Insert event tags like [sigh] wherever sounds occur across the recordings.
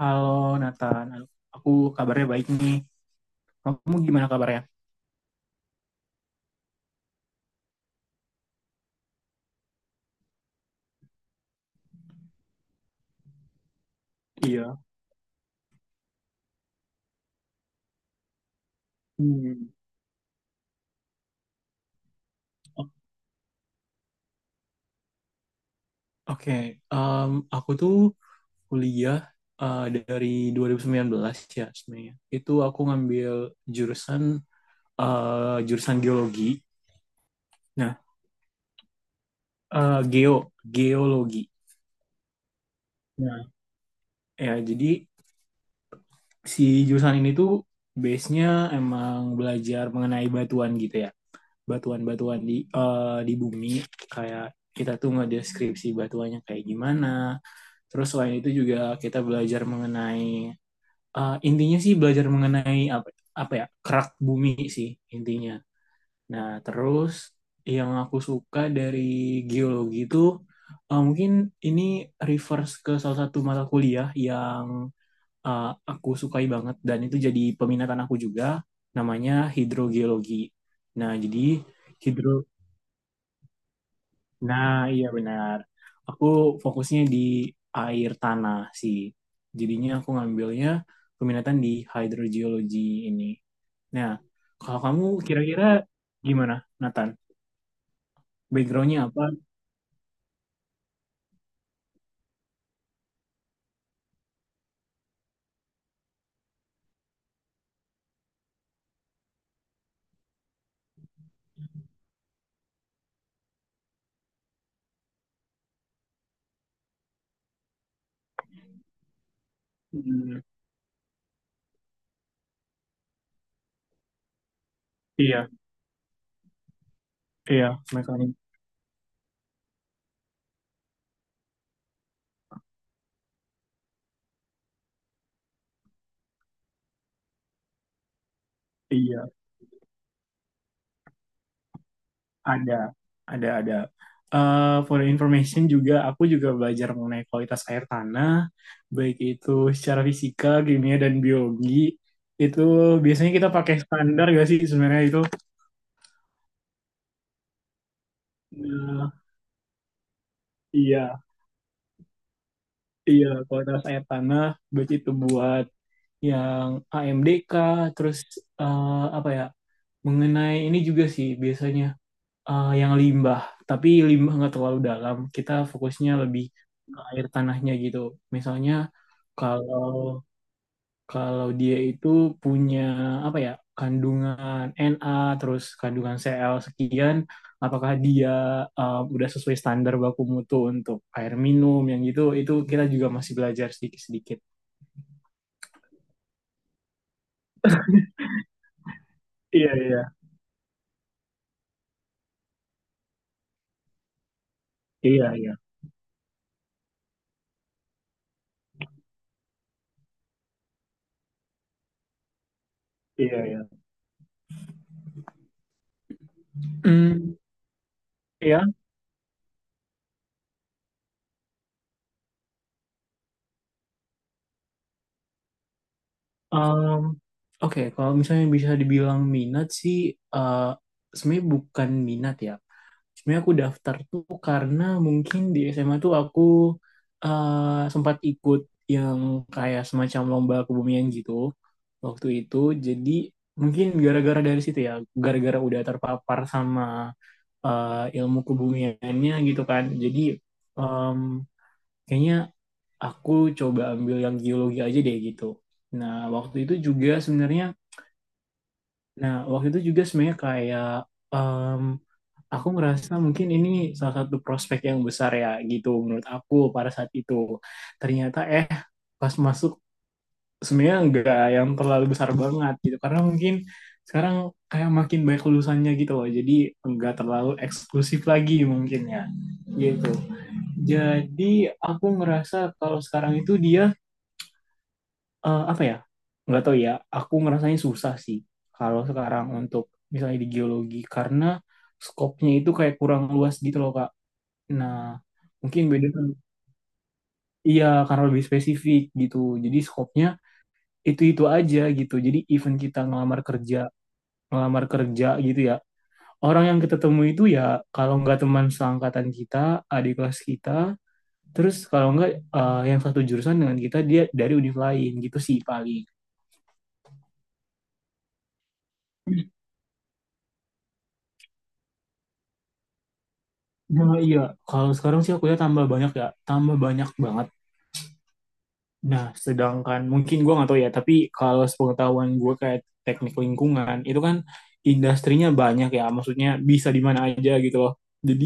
Halo Nathan, aku kabarnya baik nih. Kamu gimana kabarnya? Iya. Hmm. O- Oke. Aku tuh kuliah dari 2019 ya sebenarnya. Itu aku ngambil jurusan jurusan geologi. Nah, eh, geo geologi. Nah, ya jadi si jurusan ini tuh base-nya emang belajar mengenai batuan gitu ya. Batuan-batuan di bumi, kayak kita tuh ngedeskripsi batuannya kayak gimana. Terus selain itu juga kita belajar mengenai, intinya sih belajar mengenai apa apa ya, kerak bumi sih intinya. Nah terus yang aku suka dari geologi itu, mungkin ini reverse ke salah satu mata kuliah yang eh, aku sukai banget dan itu jadi peminatan aku juga, namanya hidrogeologi. Nah jadi. hidro Nah, iya benar. Aku fokusnya di air tanah sih. Jadinya aku ngambilnya peminatan di hydrogeology ini. Nah, kalau kamu kira-kira gimana, Nathan? Backgroundnya apa? Hmm, iya, iya, mekanik. Iya, ada, ada, ada. For your information juga, aku juga belajar mengenai kualitas air tanah, baik itu secara fisika, kimia, dan biologi. Itu biasanya kita pakai standar gak sih sebenarnya itu? Nah, iya, iya, kualitas air tanah, baik itu buat yang AMDK, terus eh, apa ya, mengenai ini juga sih biasanya yang limbah, tapi limbah nggak terlalu dalam, kita fokusnya lebih ke air tanahnya gitu. Misalnya kalau kalau dia itu punya, apa ya, kandungan Na terus kandungan Cl sekian, apakah dia udah sesuai standar baku mutu untuk air minum, yang gitu itu kita juga masih belajar sedikit-sedikit. Iya, iya, iya, iya, iya, iya. Hmm, ya. um, Oke, kalau misalnya bisa dibilang minat sih, eh sebenarnya bukan minat ya. Sebenarnya aku daftar tuh karena mungkin di SMA tuh aku sempat ikut yang kayak semacam lomba kebumian gitu waktu itu. Jadi mungkin gara-gara dari situ ya, gara-gara udah terpapar sama ilmu kebumiannya gitu kan. Jadi em, kayaknya aku coba ambil yang geologi aja deh gitu. Nah waktu itu juga sebenarnya, nah, waktu itu juga sebenarnya kayak aku ngerasa mungkin ini salah satu prospek yang besar ya gitu menurut aku pada saat itu. Ternyata pas masuk sebenarnya nggak yang terlalu besar banget gitu, karena mungkin sekarang kayak makin banyak lulusannya gitu loh. Jadi nggak terlalu eksklusif lagi mungkin ya gitu. Jadi aku ngerasa kalau sekarang itu dia, apa ya? Nggak tahu ya. Aku ngerasanya susah sih kalau sekarang, untuk misalnya di geologi, karena skopnya itu kayak kurang luas gitu loh, Kak. Nah, mungkin beda kan? Iya, karena lebih spesifik gitu. Jadi skopnya itu-itu aja gitu. Jadi even kita ngelamar kerja gitu ya. Orang yang kita temui itu ya kalau nggak teman seangkatan kita, adik kelas kita, terus kalau nggak yang satu jurusan dengan kita, dia dari univ lain gitu sih paling. Nah, iya, kalau sekarang sih aku ya, tambah banyak banget. Nah, sedangkan mungkin gue nggak tahu ya, tapi kalau sepengetahuan gue kayak teknik lingkungan, itu kan industrinya banyak ya, maksudnya bisa di mana aja gitu loh. Jadi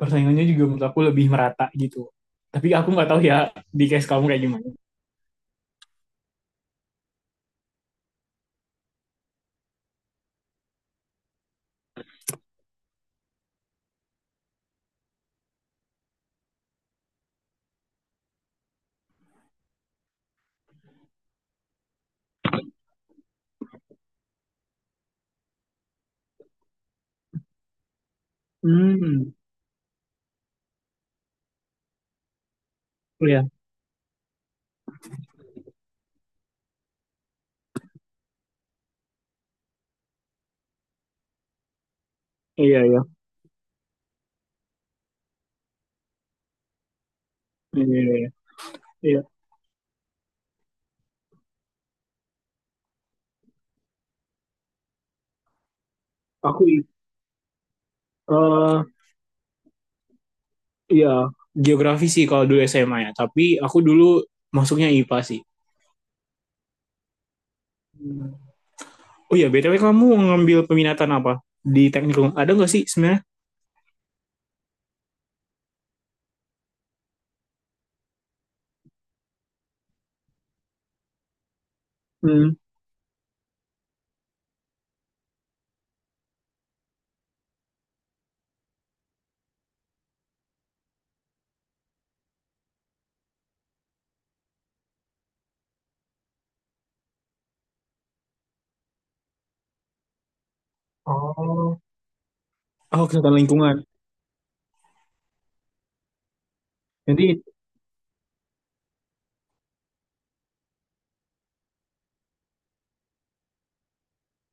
persaingannya juga menurut aku lebih merata gitu. Tapi aku nggak tahu ya di case kamu kayak gimana. Hmm, iya, iya, iya, iya, iya, iya. Iya. Aku, eh iya, Geografi sih kalau dulu SMA ya, tapi aku dulu masuknya IPA sih. Hmm. Oh iya, BTW kamu ngambil peminatan apa? Di teknik lingkungan? Ada nggak sih sebenarnya? Hmm. Oh, oh, kesehatan lingkungan. Nanti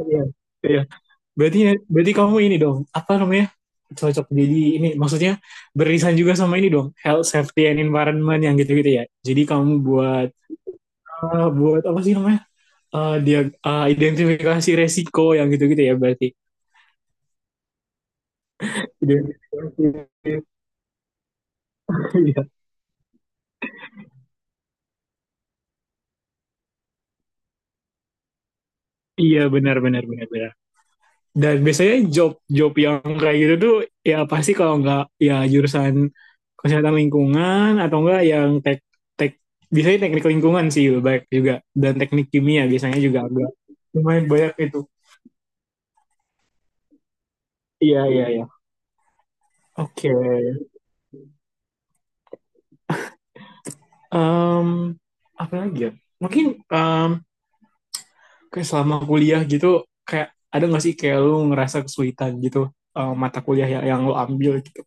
iya, iya. Berarti berarti kamu ini dong, apa namanya? Cocok jadi ini maksudnya beririsan juga sama ini dong, health, safety and environment yang gitu-gitu ya. Jadi kamu buat apa sih namanya? Dia identifikasi resiko yang gitu-gitu ya berarti. Identifikasi. [laughs] Iya, iya benar benar benar benar. Dan biasanya job job yang kayak gitu tuh, ya pasti kalau nggak ya jurusan kesehatan lingkungan, atau enggak yang tek tek biasanya teknik lingkungan sih lebih baik juga, dan teknik kimia biasanya juga agak lumayan banyak itu. Iya, iya, iya. Oke. Em, apa lagi ya, mungkin em, kayak selama kuliah gitu kayak ada nggak sih kayak lu ngerasa kesulitan gitu, mata kuliah yang lu ambil gitu.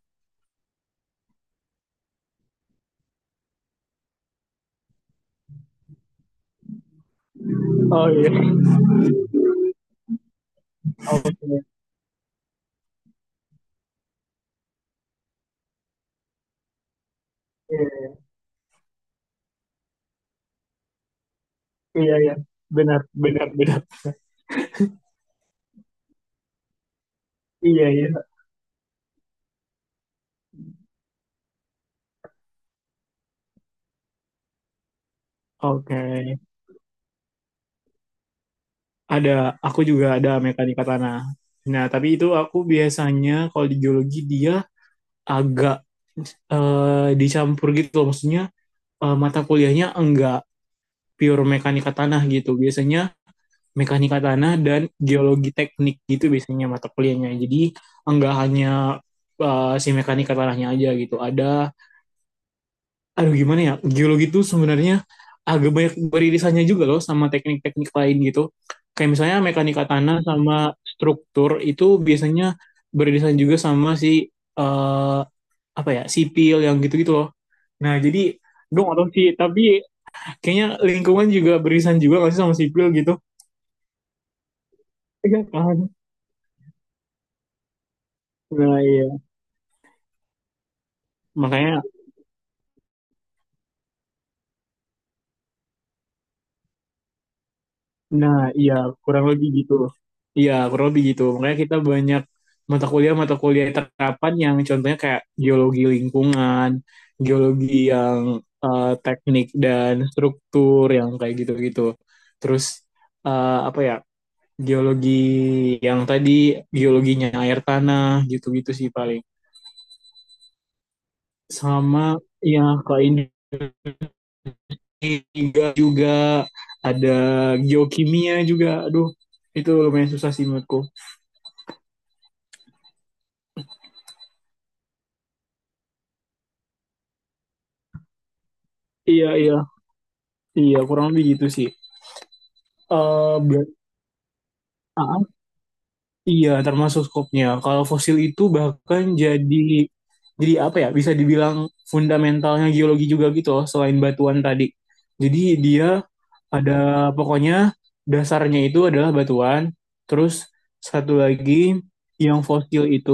Oh iya. Iya, iya, iya. Benar benar benar. Iya, iya. Oke, ada. Aku juga ada mekanika tanah. Nah, tapi itu aku biasanya kalau di geologi dia agak dicampur gitu loh. Maksudnya mata kuliahnya enggak pure mekanika tanah gitu. Biasanya mekanika tanah dan geologi teknik gitu biasanya mata kuliahnya. Jadi enggak hanya si mekanika tanahnya aja gitu. Ada aduh gimana ya, geologi itu sebenarnya agak banyak beririsannya juga loh sama teknik-teknik lain gitu, kayak misalnya mekanika tanah sama struktur itu biasanya beririsan juga sama si eh, apa ya sipil yang gitu-gitu loh. Nah jadi, dong atau tahu sih tapi kayaknya lingkungan juga beririsan juga nggak sih sama sipil gitu. Iya kan. Nah iya makanya. Nah, iya, kurang lebih gitu. Iya, kurang lebih gitu. Makanya kita banyak mata kuliah-mata kuliah terapan yang contohnya kayak geologi lingkungan, geologi yang teknik dan struktur yang kayak gitu-gitu. Terus apa ya? Geologi yang tadi, geologinya air tanah gitu-gitu sih paling, sama ya ke Indonesia juga ada geokimia juga, aduh itu lumayan susah sih menurutku. Iya, iya, iya, kurang lebih gitu sih. Eh ber- ah, iya, termasuk skopnya. Kalau fosil itu bahkan jadi apa ya? Bisa dibilang fundamentalnya geologi juga gitu loh, selain batuan tadi. Jadi dia ada, pokoknya dasarnya itu adalah batuan, terus satu lagi yang fosil itu,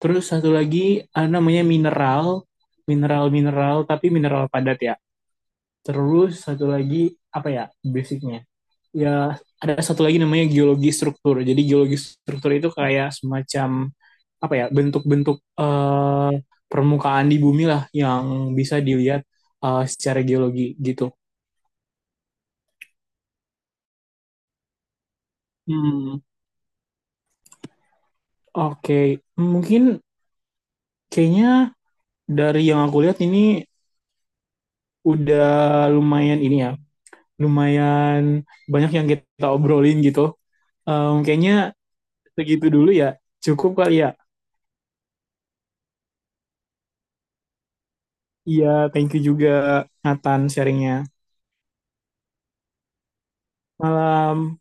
terus satu lagi ada namanya mineral, mineral-mineral tapi mineral padat ya. Terus satu lagi apa ya? Basicnya ya ada satu lagi namanya geologi struktur. Jadi geologi struktur itu kayak semacam, apa ya, bentuk-bentuk permukaan di bumi lah yang bisa dilihat secara geologi gitu. Hmm, oke. Okay. Mungkin kayaknya dari yang aku lihat ini udah lumayan ini ya, lumayan banyak yang kita obrolin gitu. Kayaknya segitu dulu ya. Cukup kali ya. Iya, thank you juga Nathan sharingnya. Malam.